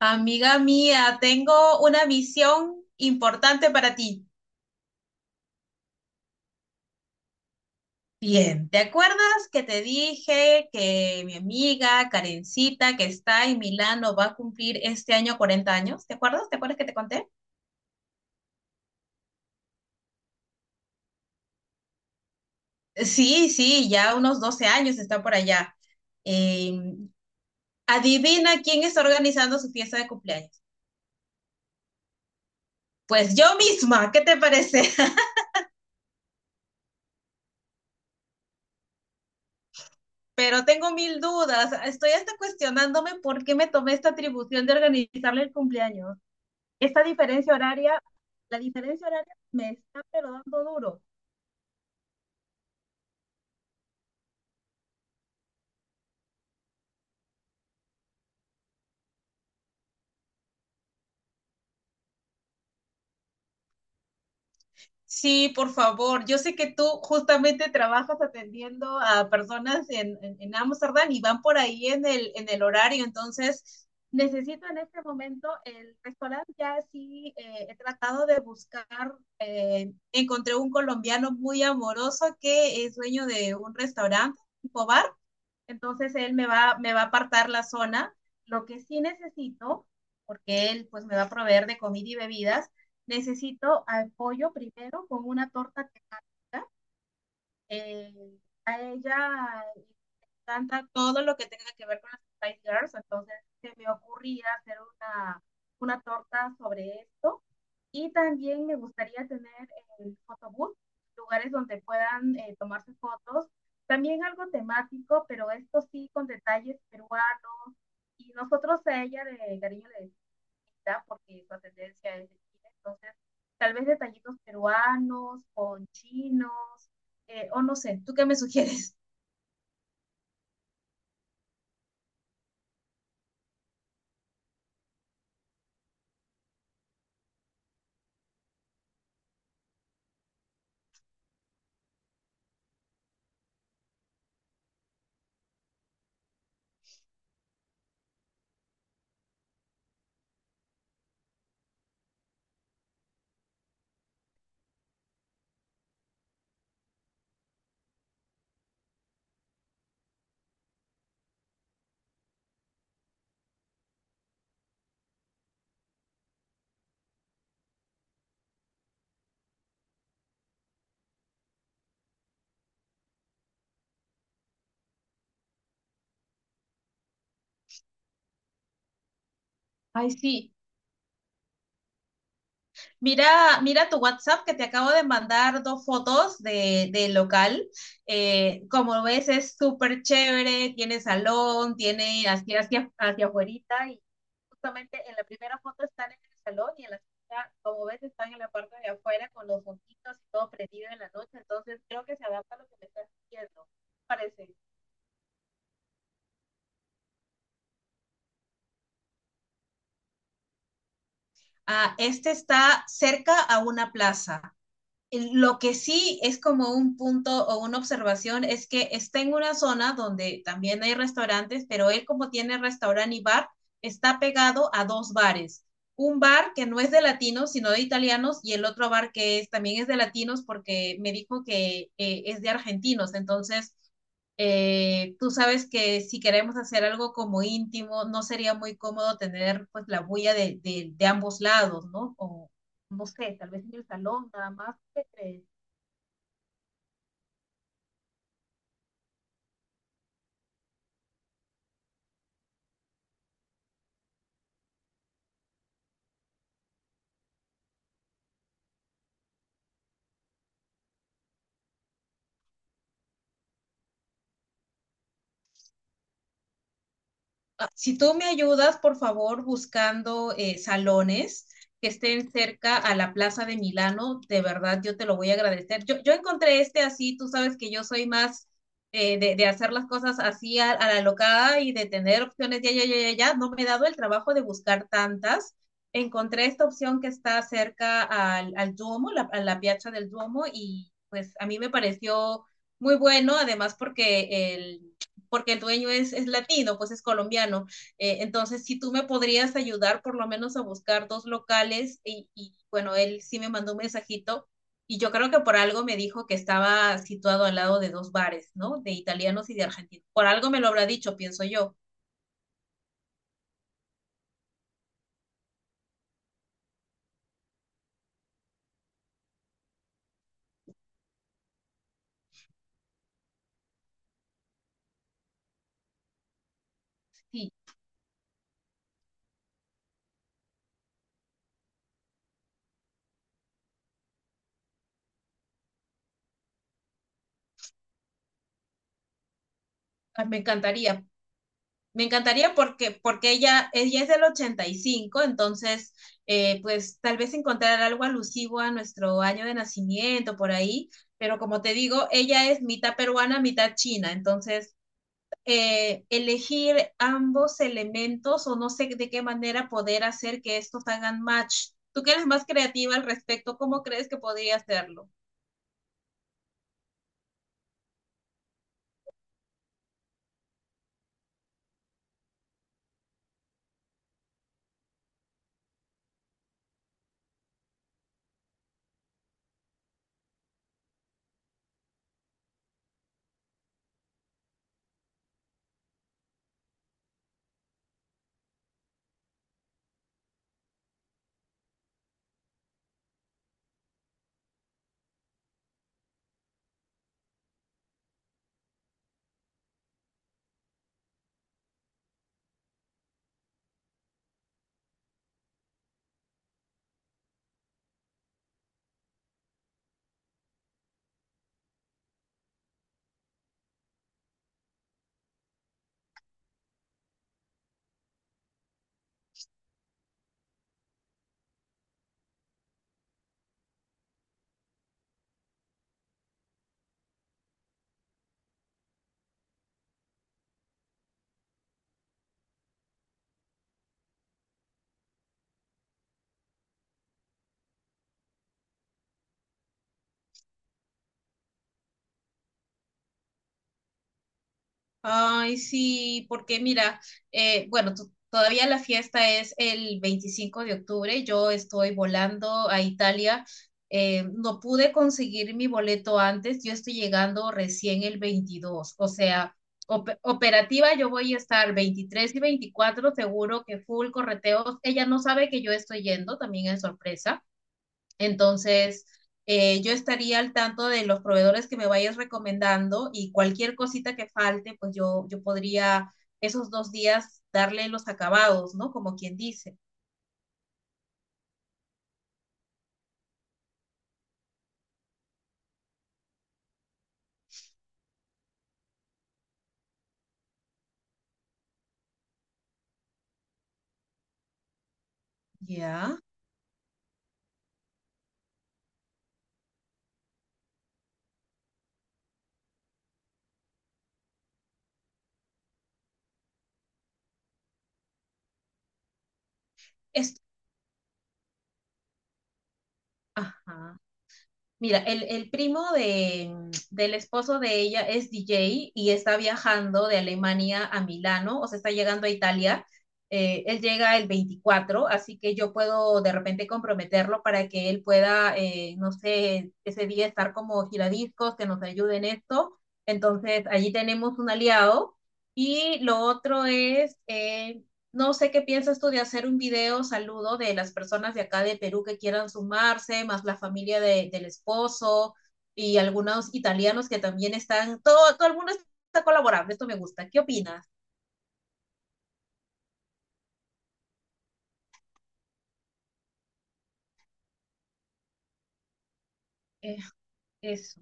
Amiga mía, tengo una misión importante para ti. Bien, ¿te acuerdas que te dije que mi amiga Karencita, que está en Milano, va a cumplir este año 40 años? ¿Te acuerdas? ¿Te acuerdas que te conté? Sí, sí, ya unos 12 años está por allá. Eh, Adivina quién está organizando su fiesta de cumpleaños. Pues yo misma, ¿qué te parece? Pero tengo mil dudas. Estoy hasta cuestionándome por qué me tomé esta atribución de organizarle el cumpleaños. Esta diferencia horaria, la diferencia horaria me está pero dando duro. Sí, por favor. Yo sé que tú justamente trabajas atendiendo a personas en Amsterdam y van por ahí en el horario. Entonces, necesito en este momento el restaurante. Ya sí he tratado de buscar. Encontré un colombiano muy amoroso que es dueño de un restaurante tipo bar. Entonces él me va a apartar la zona. Lo que sí necesito, porque él pues me va a proveer de comida y bebidas, necesito apoyo primero con una torta temática, eh, a ella le encanta todo lo que tenga que ver con las Spice Girls, entonces se me ocurría hacer una torta sobre esto. Y también me gustaría tener el photobooth, lugares donde puedan tomarse fotos. También algo temático, pero esto sí con detalles peruanos. Y nosotros a ella de cariño le, ¿verdad? Porque su ascendencia es de China. Entonces, tal vez detallitos peruanos, con chinos, o no sé, ¿tú qué me sugieres? Ay, sí, mira, mira tu WhatsApp que te acabo de mandar dos fotos de local. Como ves, es súper chévere, tiene salón, tiene así hacia afuerita y justamente en la primera foto están en el salón y en la segunda, como ves, están en la parte de afuera con los foquitos y todo prendido en la noche. Entonces, creo que se adapta a lo que me estás diciendo, parece. Ah, este está cerca a una plaza. Lo que sí es como un punto o una observación es que está en una zona donde también hay restaurantes, pero él como tiene restaurante y bar, está pegado a dos bares. Un bar que no es de latinos, sino de italianos, y el otro bar que también es de latinos porque me dijo que es de argentinos. Entonces, tú sabes que si queremos hacer algo como íntimo, no sería muy cómodo tener pues la bulla de ambos lados, ¿no? O, no sé, tal vez en el salón, nada más que. Ah, si tú me ayudas, por favor, buscando salones que estén cerca a la Plaza de Milano, de verdad yo te lo voy a agradecer. Yo encontré este así, tú sabes que yo soy más hacer las cosas así la locada y de tener opciones, ya, ya, ya, ya, ya, no me he dado el trabajo de buscar tantas. Encontré esta opción que está cerca al Duomo, a la piazza del Duomo, y pues a mí me pareció muy bueno, además porque el, porque el dueño es latino, pues es colombiano. Entonces, si tú me podrías ayudar por lo menos a buscar dos locales bueno, él sí me mandó un mensajito y yo creo que por algo me dijo que estaba situado al lado de dos bares, ¿no? De italianos y de argentinos. Por algo me lo habrá dicho, pienso yo. Sí, ah, me encantaría. Me encantaría porque, ella es del 85, entonces, pues tal vez encontrar algo alusivo a nuestro año de nacimiento por ahí, pero como te digo, ella es mitad peruana, mitad china, entonces elegir ambos elementos o no sé de qué manera poder hacer que estos hagan match. Tú que eres más creativa al respecto, ¿cómo crees que podría hacerlo? Ay, sí, porque mira, bueno, todavía la fiesta es el 25 de octubre, yo estoy volando a Italia, no pude conseguir mi boleto antes, yo estoy llegando recién el 22. O sea, operativa yo voy a estar 23 y 24. Seguro que full correteos, ella no sabe que yo estoy yendo, también es sorpresa. Entonces, yo estaría al tanto de los proveedores que me vayas recomendando y cualquier cosita que falte, pues yo podría esos dos días darle los acabados, ¿no? Como quien dice. Ya. Es- Ajá. Mira, del esposo de ella es DJ y está viajando de Alemania a Milano, o sea, está llegando a Italia. Él llega el 24, así que yo puedo de repente comprometerlo para que él pueda, no sé, ese día estar como giradiscos, que nos ayude en esto. Entonces, allí tenemos un aliado. Y lo otro es, no sé qué piensas tú de hacer un video saludo de las personas de acá de Perú que quieran sumarse, más la familia del esposo y algunos italianos que también están, todo el mundo está colaborando, esto me gusta. ¿Qué opinas? Eh, Eso.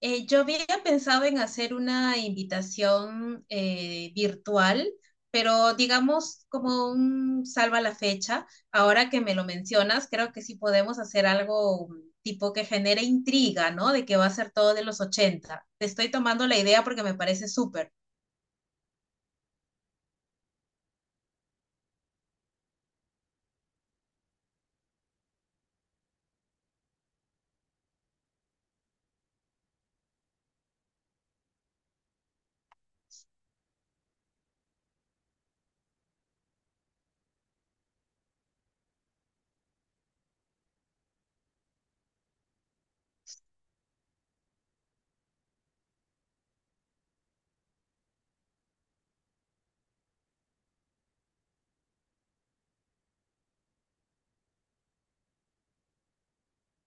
Yo había pensado en hacer una invitación virtual, pero digamos como un salva la fecha. Ahora que me lo mencionas, creo que sí podemos hacer algo tipo que genere intriga, ¿no? De que va a ser todo de los 80. Te estoy tomando la idea porque me parece súper.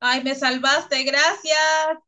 Ay, me salvaste, gracias.